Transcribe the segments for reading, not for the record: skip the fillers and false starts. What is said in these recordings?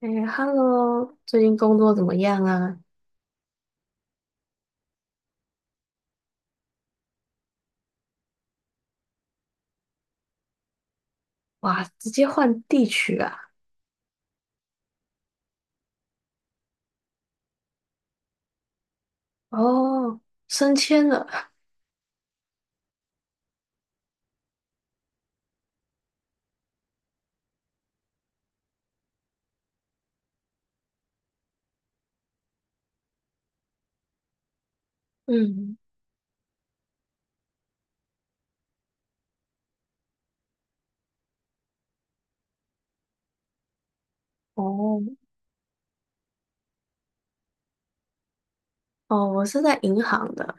哎，Hello，最近工作怎么样啊？哇，直接换地区啊！哦，升迁了。嗯，哦，哦，我是在银行的。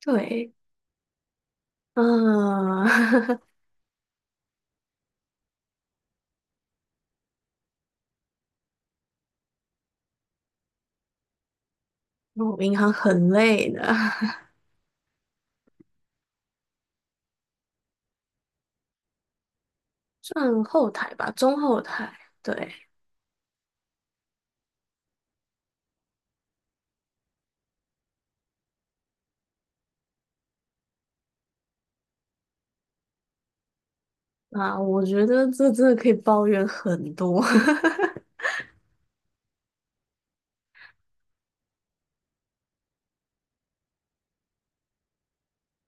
对，嗯，我银行很累的，算后台吧，中后台。对，啊，我觉得这真的可以抱怨很多。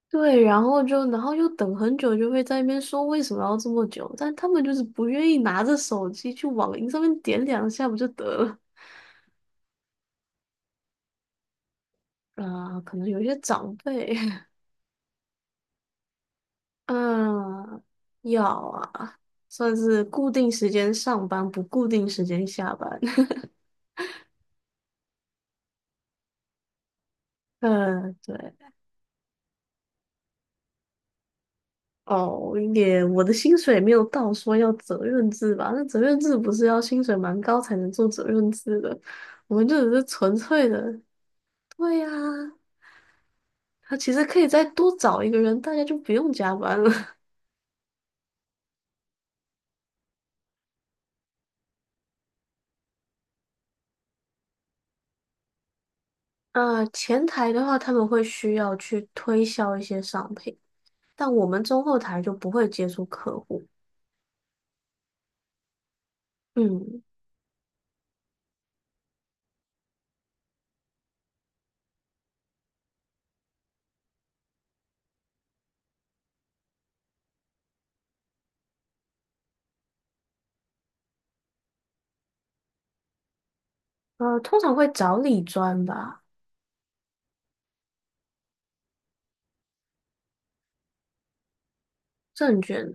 对，然后就，然后又等很久，就会在那边说为什么要这么久，但他们就是不愿意拿着手机去网银上面点两下不就得了。啊，可能有一些长辈，嗯，要啊，算是固定时间上班，不固定时间下班。嗯，对，哦，也我的薪水没有到说要责任制吧？那责任制不是要薪水蛮高才能做责任制的，我们就只是纯粹的，对呀、他其实可以再多找一个人，大家就不用加班了。啊，前台的话，他们会需要去推销一些商品。但我们中后台就不会接触客户，嗯，通常会找理专吧，证券，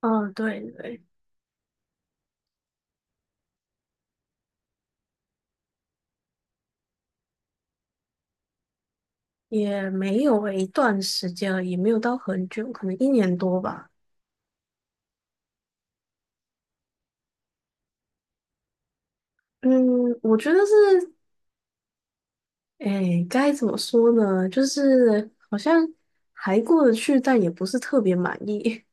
嗯、对对，也没有诶，一段时间了，也没有到很久，可能一年多吧，嗯，我觉得是，哎，该怎么说呢？就是好像还过得去，但也不是特别满意，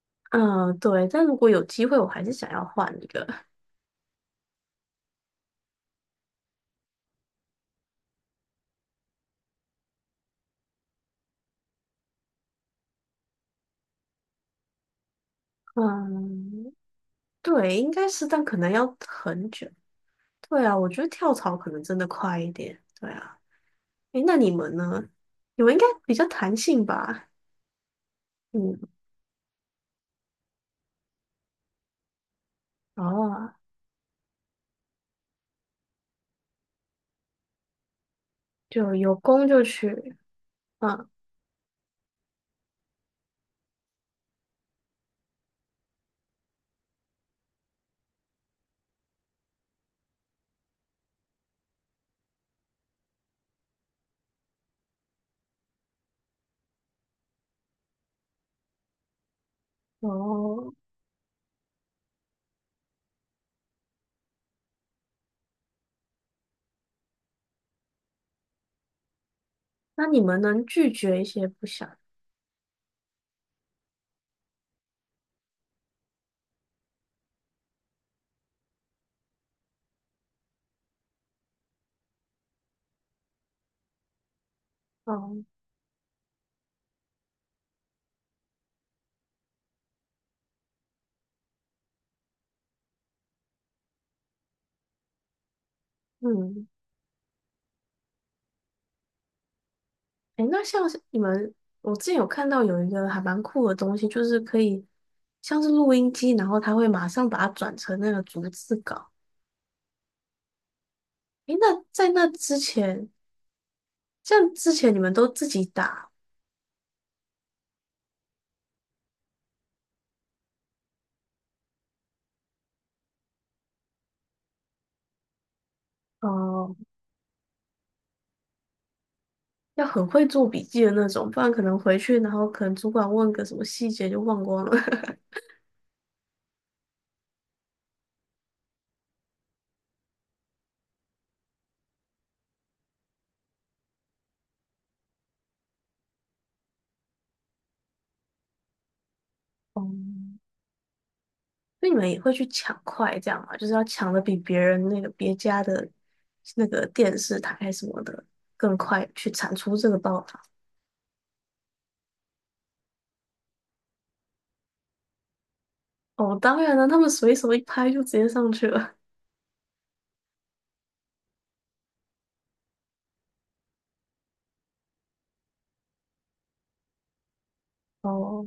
嗯、对，但如果有机会，我还是想要换一个，嗯，对，应该是，但可能要很久。对啊，我觉得跳槽可能真的快一点。对啊，诶，那你们呢？你们应该比较弹性吧？嗯，哦，就有空就去，嗯，哦，那你们能拒绝一些不想，哦，嗯，诶，那像是你们，我之前有看到有一个还蛮酷的东西，就是可以像是录音机，然后它会马上把它转成那个逐字稿。诶，那在那之前，像之前你们都自己打。哦，要很会做笔记的那种，不然可能回去，然后可能主管问个什么细节就忘光了。哦，那你们也会去抢快这样吗？就是要抢的比别人那个别家的那个电视台什么的更快，去产出这个报道。哦，当然了，他们随手一拍就直接上去了。哦，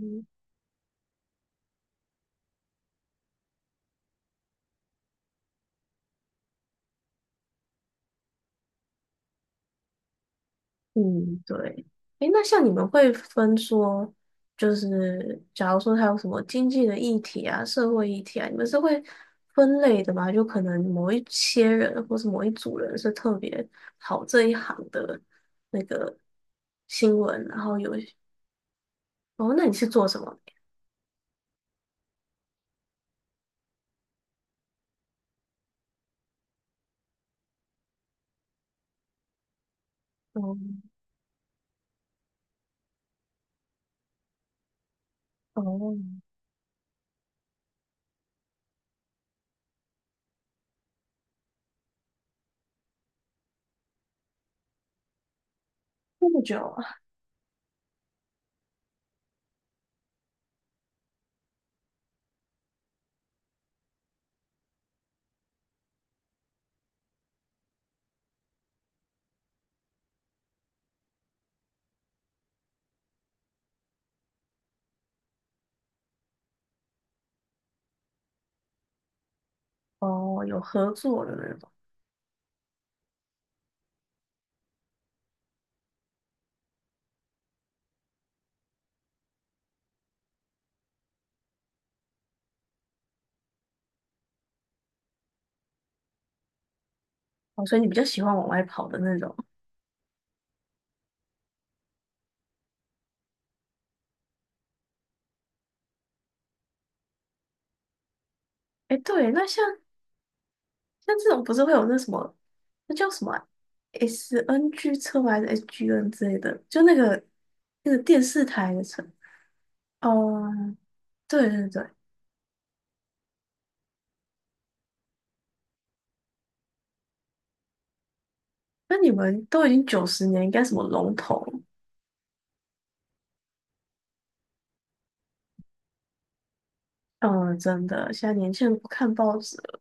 嗯，对。诶，那像你们会分说，就是假如说他有什么经济的议题啊、社会议题啊，你们是会分类的吗？就可能某一些人或是某一组人是特别好这一行的那个新闻，然后有一些哦，那你是做什么的哦哦，这么久啊？哦，有合作的那种，哦，所以你比较喜欢往外跑的那种。诶，对，那像。像这种不是会有那什么，那叫什么啊？SNG 车吗？还是 SGN 之类的？就那个电视台的车。哦，对对对，那你们都已经90年，应该什么龙头？嗯，真的，现在年轻人不看报纸了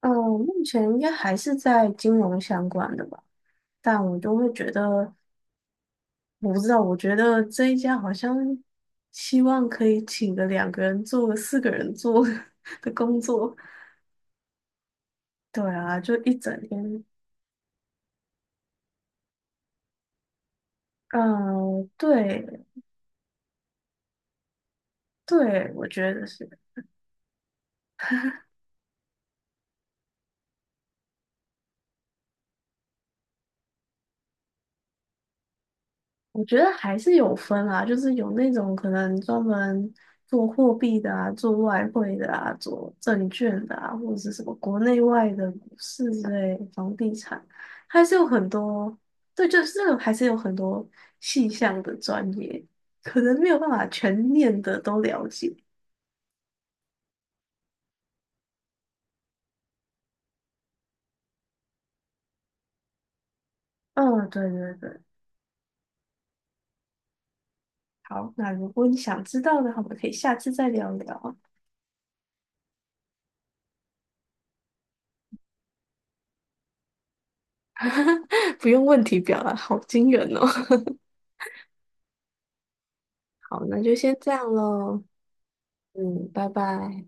嗯，目前应该还是在金融相关的吧，但我就会觉得，我不知道，我觉得这一家好像希望可以请个两个人做，四个人做 的工作。对啊，就一整天，嗯、对对，我觉得是，我觉得还是有分啊，就是有那种可能专门做货币的啊，做外汇的啊，做证券的啊，或者是什么国内外的股市之类，房地产，还是有很多，对，就是这个还是有很多细项的专业，可能没有办法全面的都了解。嗯，对对对，好，那如果你想知道的话，我们可以下次再聊聊。不用问题表了，好惊人哦。好，那就先这样喽。嗯，拜拜。